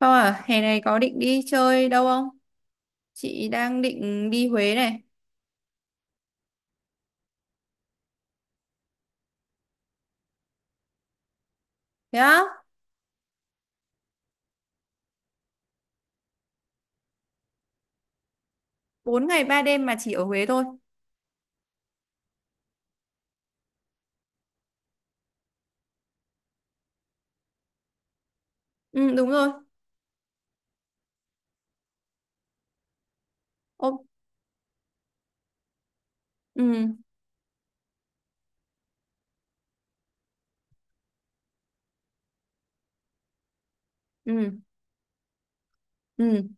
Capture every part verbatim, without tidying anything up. Không à, hè này có định đi chơi đâu không? Chị đang định đi Huế này. Thế á. Bốn ngày ba đêm mà chỉ ở Huế thôi. Ừ, đúng rồi. Ô, ừ, ừ, ừ.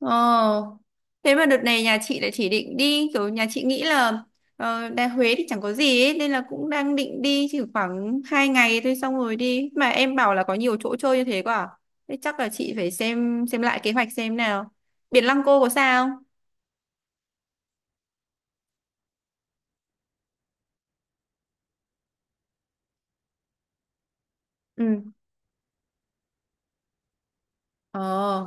ờ Thế mà đợt này nhà chị lại chỉ định đi, kiểu nhà chị nghĩ là ờ, Đà Huế thì chẳng có gì ấy, nên là cũng đang định đi chỉ khoảng hai ngày thôi xong rồi đi. Mà em bảo là có nhiều chỗ chơi như thế quá à? Thế chắc là chị phải xem xem lại kế hoạch xem nào. Biển Lăng Cô có sao không? Ừ. Ờ.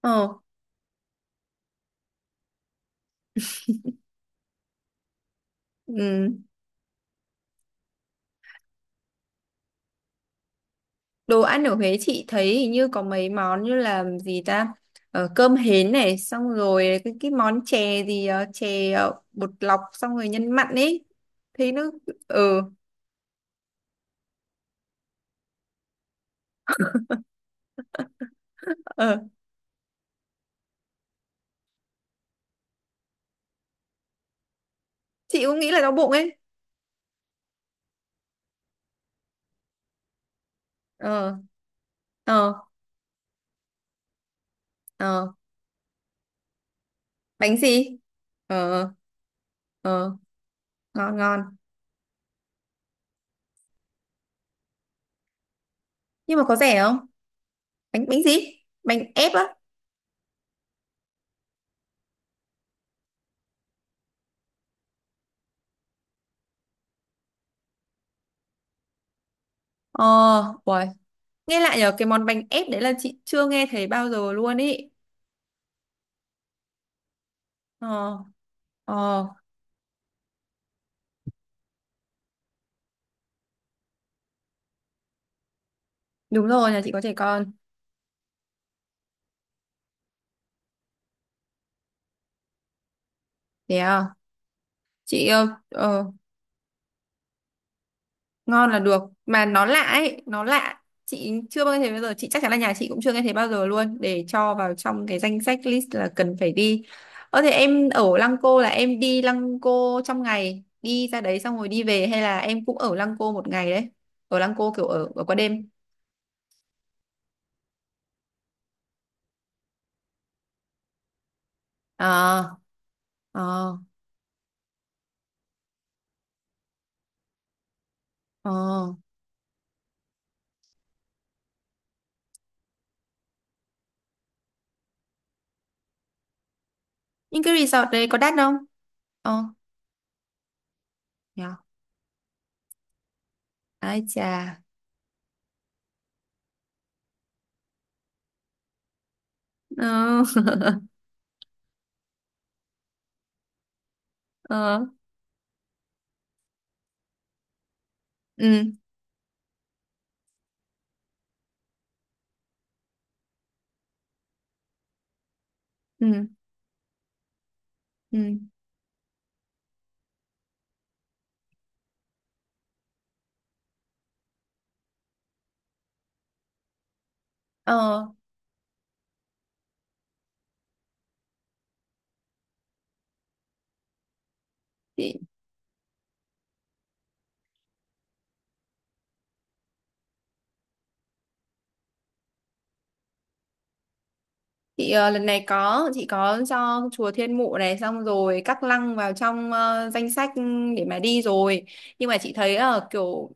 Ờ. Ừ. Đồ ăn ở Huế chị thấy hình như có mấy món như là gì ta, ờ, cơm hến này, xong rồi cái, cái món chè gì, ờ, chè ờ, bột lọc xong rồi nhân mặn ấy, thấy nó... Ừ. ờ chị cũng nghĩ là đau bụng ấy. Ờ. Ờ. Ờ. Bánh gì? Ờ. Ờ. Ngon ngon. Nhưng mà có rẻ không? Bánh bánh gì, bánh ép á? Ờ. Uầy. Nghe lại nhờ cái món bánh ép đấy là chị chưa nghe thấy bao giờ luôn ý. Ờ. Ờ. Đúng rồi, nhà chị có trẻ con. Thế à. Chị ờ, ờ, ngon là được, mà nó lạ ấy, nó lạ, chị chưa bao giờ nghe thấy bao giờ, chị chắc chắn là nhà chị cũng chưa nghe thấy bao giờ luôn, để cho vào trong cái danh sách list là cần phải đi. Ờ thế em ở Lăng Cô là em đi Lăng Cô trong ngày đi ra đấy xong rồi đi về, hay là em cũng ở Lăng Cô một ngày đấy? Ở Lăng Cô kiểu ở, ở qua đêm? Ờ. Ờ. Ờ. Nhưng cái resort đấy có đắt không? Ờ. Yeah. Ai chà. Ờ. Ờ. Ừ. Ừ. Ừ. Ờ. Chị... Chị ờ, lần này có chị có cho chùa Thiên Mụ này xong rồi Cát Lăng vào trong ờ, danh sách để mà đi rồi. Nhưng mà chị thấy ờ, kiểu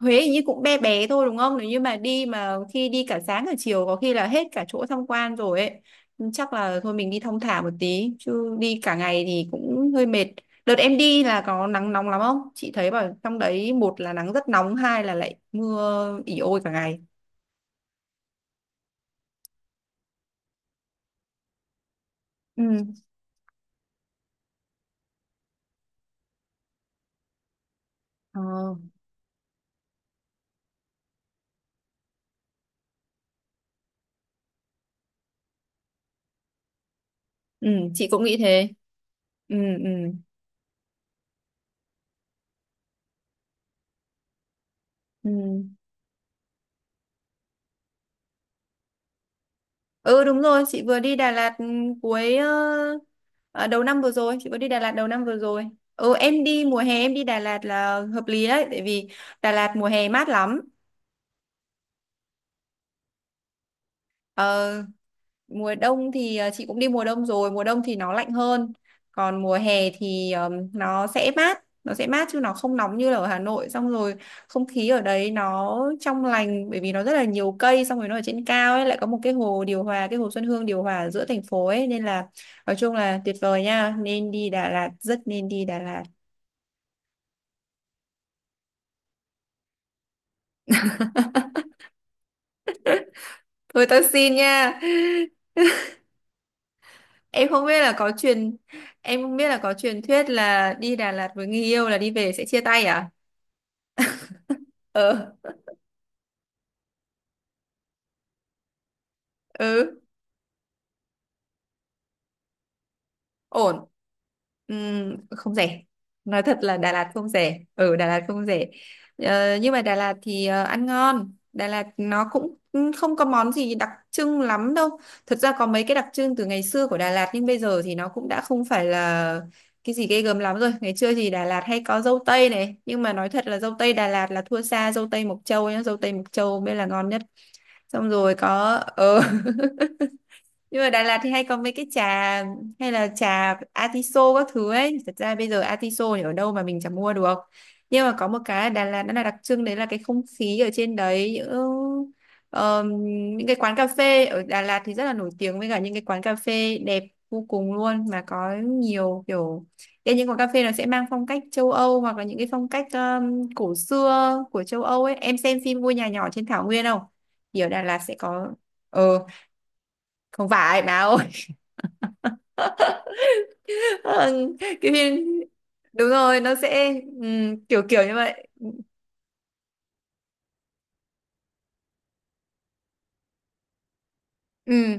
Huế hình như cũng bé bé thôi đúng không? Nếu như mà đi mà khi đi cả sáng cả chiều có khi là hết cả chỗ tham quan rồi ấy. Chắc là thôi mình đi thong thả một tí chứ đi cả ngày thì cũng hơi mệt. Đợt em đi là có nắng nóng lắm không? Chị thấy bảo trong đấy một là nắng rất nóng, hai là lại mưa ỉ ôi cả ngày. Ừ. Ờ. Ừ, chị cũng nghĩ thế. Ừ, ừ. Ừ. Ừ, đúng rồi, chị vừa đi Đà Lạt. Ừ, cuối ờ, à, đầu năm vừa rồi chị vừa đi Đà Lạt đầu năm vừa rồi. Ừ, em đi mùa hè, em đi Đà Lạt là hợp lý đấy, tại vì Đà Lạt mùa hè mát lắm. Ờ, mùa đông thì ờ, chị cũng đi mùa đông rồi, mùa đông thì nó lạnh hơn. Còn mùa hè thì ờm, nó sẽ mát, nó sẽ mát chứ nó không nóng như là ở Hà Nội, xong rồi không khí ở đấy nó trong lành bởi vì nó rất là nhiều cây, xong rồi nó ở trên cao ấy, lại có một cái hồ điều hòa, cái hồ Xuân Hương điều hòa ở giữa thành phố ấy, nên là nói chung là tuyệt vời nha, nên đi Đà Lạt, rất nên đi Đà Lạt. Thôi tao xin nha. em không biết là có truyền Em không biết là có truyền thuyết là đi Đà Lạt với người yêu là đi về sẽ chia tay à? Ờ. Ừ. Ổn. Ừm, không rẻ. Nói thật là Đà Lạt không rẻ, ở Đà Lạt không rẻ. Ờ, nhưng mà Đà Lạt thì ờ, ăn ngon. Đà Lạt nó cũng không có món gì đặc trưng lắm đâu. Thật ra có mấy cái đặc trưng từ ngày xưa của Đà Lạt, nhưng bây giờ thì nó cũng đã không phải là cái gì ghê gớm lắm rồi. Ngày xưa thì Đà Lạt hay có dâu tây này, nhưng mà nói thật là dâu tây Đà Lạt là thua xa dâu tây Mộc Châu nhá, dâu tây Mộc Châu mới là ngon nhất. Xong rồi có ờ nhưng mà Đà Lạt thì hay có mấy cái trà, hay là trà atiso các thứ ấy. Thật ra bây giờ atiso thì ở đâu mà mình chẳng mua được. Nhưng mà có một cái ở Đà Lạt nó là đặc trưng đấy, là cái không khí ở trên đấy, những ờm, những cái quán cà phê ở Đà Lạt thì rất là nổi tiếng, với cả những cái quán cà phê đẹp vô cùng luôn, mà có nhiều kiểu. Thế những quán cà phê nó sẽ mang phong cách châu Âu, hoặc là những cái phong cách ờm, cổ xưa của châu Âu ấy. Em xem phim Ngôi nhà nhỏ trên Thảo Nguyên không? Thì ở Đà Lạt sẽ có. ờ Không phải báo. Vâng, cái phim. Đúng rồi, nó sẽ ừm, kiểu kiểu như vậy. Ừ,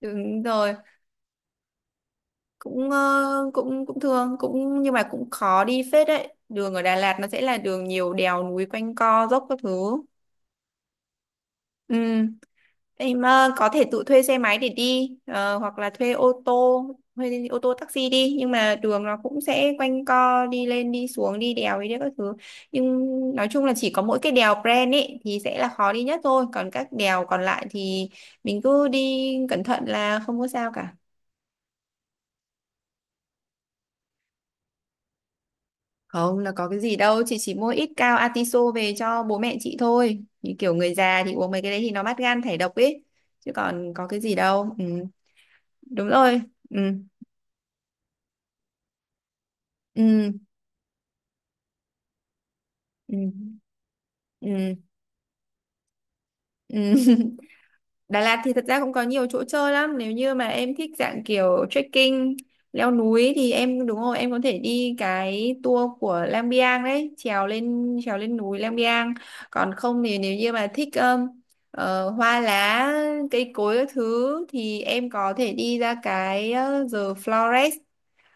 đúng rồi, cũng ờ, cũng cũng thương cũng, nhưng mà cũng khó đi phết đấy, đường ở Đà Lạt nó sẽ là đường nhiều đèo núi quanh co dốc các thứ. Ừ, em ờ, có thể tự thuê xe máy để đi, ờ, hoặc là thuê ô tô, thuê ô tô taxi đi, nhưng mà đường nó cũng sẽ quanh co, đi lên đi xuống, đi đèo đi đấy các thứ. Nhưng nói chung là chỉ có mỗi cái đèo Pren ấy thì sẽ là khó đi nhất thôi, còn các đèo còn lại thì mình cứ đi cẩn thận là không có sao cả. Không là có cái gì đâu, chị chỉ mua ít cao atiso về cho bố mẹ chị thôi. Như kiểu người già thì uống mấy cái đấy thì nó mát gan thải độc ấy, chứ còn có cái gì đâu. Ừ, đúng rồi. Ừ. Ừ. Ừ. Ừ. Ừ. Đà Lạt thì thật ra cũng có nhiều chỗ chơi lắm, nếu như mà em thích dạng kiểu trekking leo núi thì em, đúng rồi, em có thể đi cái tour của Lang Biang đấy, trèo lên trèo lên núi Lang Biang. Còn không thì nếu như mà thích um, ờ, hoa lá cây cối các thứ thì em có thể đi ra cái ờ, The Flores.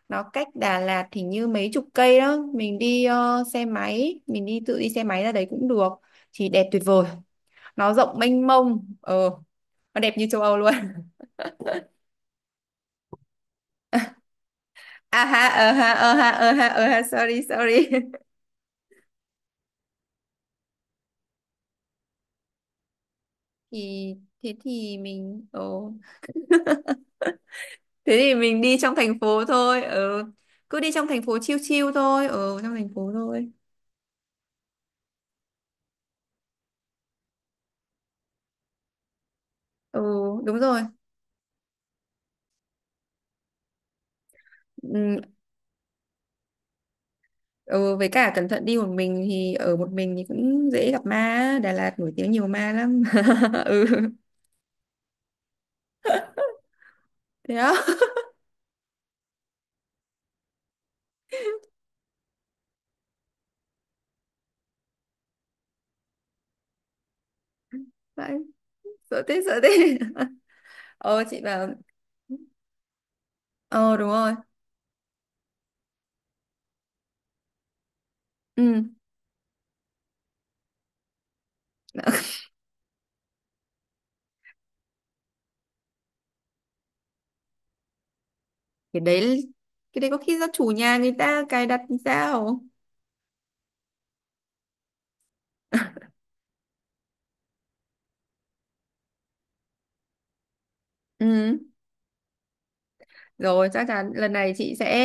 Nó cách Đà Lạt thì như mấy chục cây đó, mình đi ờ, xe máy, mình đi tự đi xe máy ra đấy cũng được, thì đẹp tuyệt vời, nó rộng mênh mông. ờ nó đẹp như châu Âu luôn. À ha, ờ ha, ờ ha, ờ ha, ờ ha, sorry sorry. thì thế thì mình ồ Thế thì mình đi trong thành phố thôi. Ừ, cứ đi trong thành phố chiêu chiêu thôi. Ừ, trong thành phố thôi. Ừ, đúng rồi. Ừ, ừ, với cả cẩn thận, đi một mình thì ở một mình thì cũng dễ gặp ma á. Đà Lạt nổi tiếng nhiều ma lắm. Ừ. Thế đó. Đấy, sợ thế sợ thế. Ờ, chị bảo. Ờ, đúng rồi. Ừ. cái đấy cái đấy có khi do chủ nhà người ta cài đặt thì sao? Ừ, rồi chắc chắn lần này chị sẽ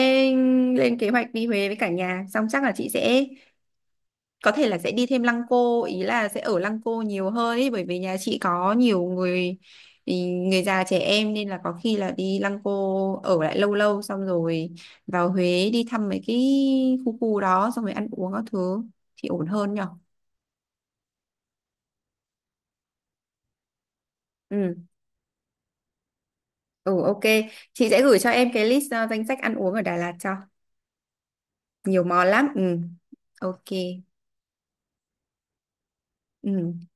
lên kế hoạch đi Huế với cả nhà, xong chắc là chị sẽ có thể là sẽ đi thêm Lăng Cô, ý là sẽ ở Lăng Cô nhiều hơn ý, bởi vì nhà chị có nhiều người ý, người già trẻ em, nên là có khi là đi Lăng Cô ở lại lâu lâu xong rồi vào Huế đi thăm mấy cái khu khu đó, xong rồi ăn uống các thứ thì ổn hơn nhở. Ừ. Ừ. Ok. Chị sẽ gửi cho em cái list, uh, danh sách ăn uống ở Đà Lạt cho, nhiều món lắm. Ừ. Ok. Ừ.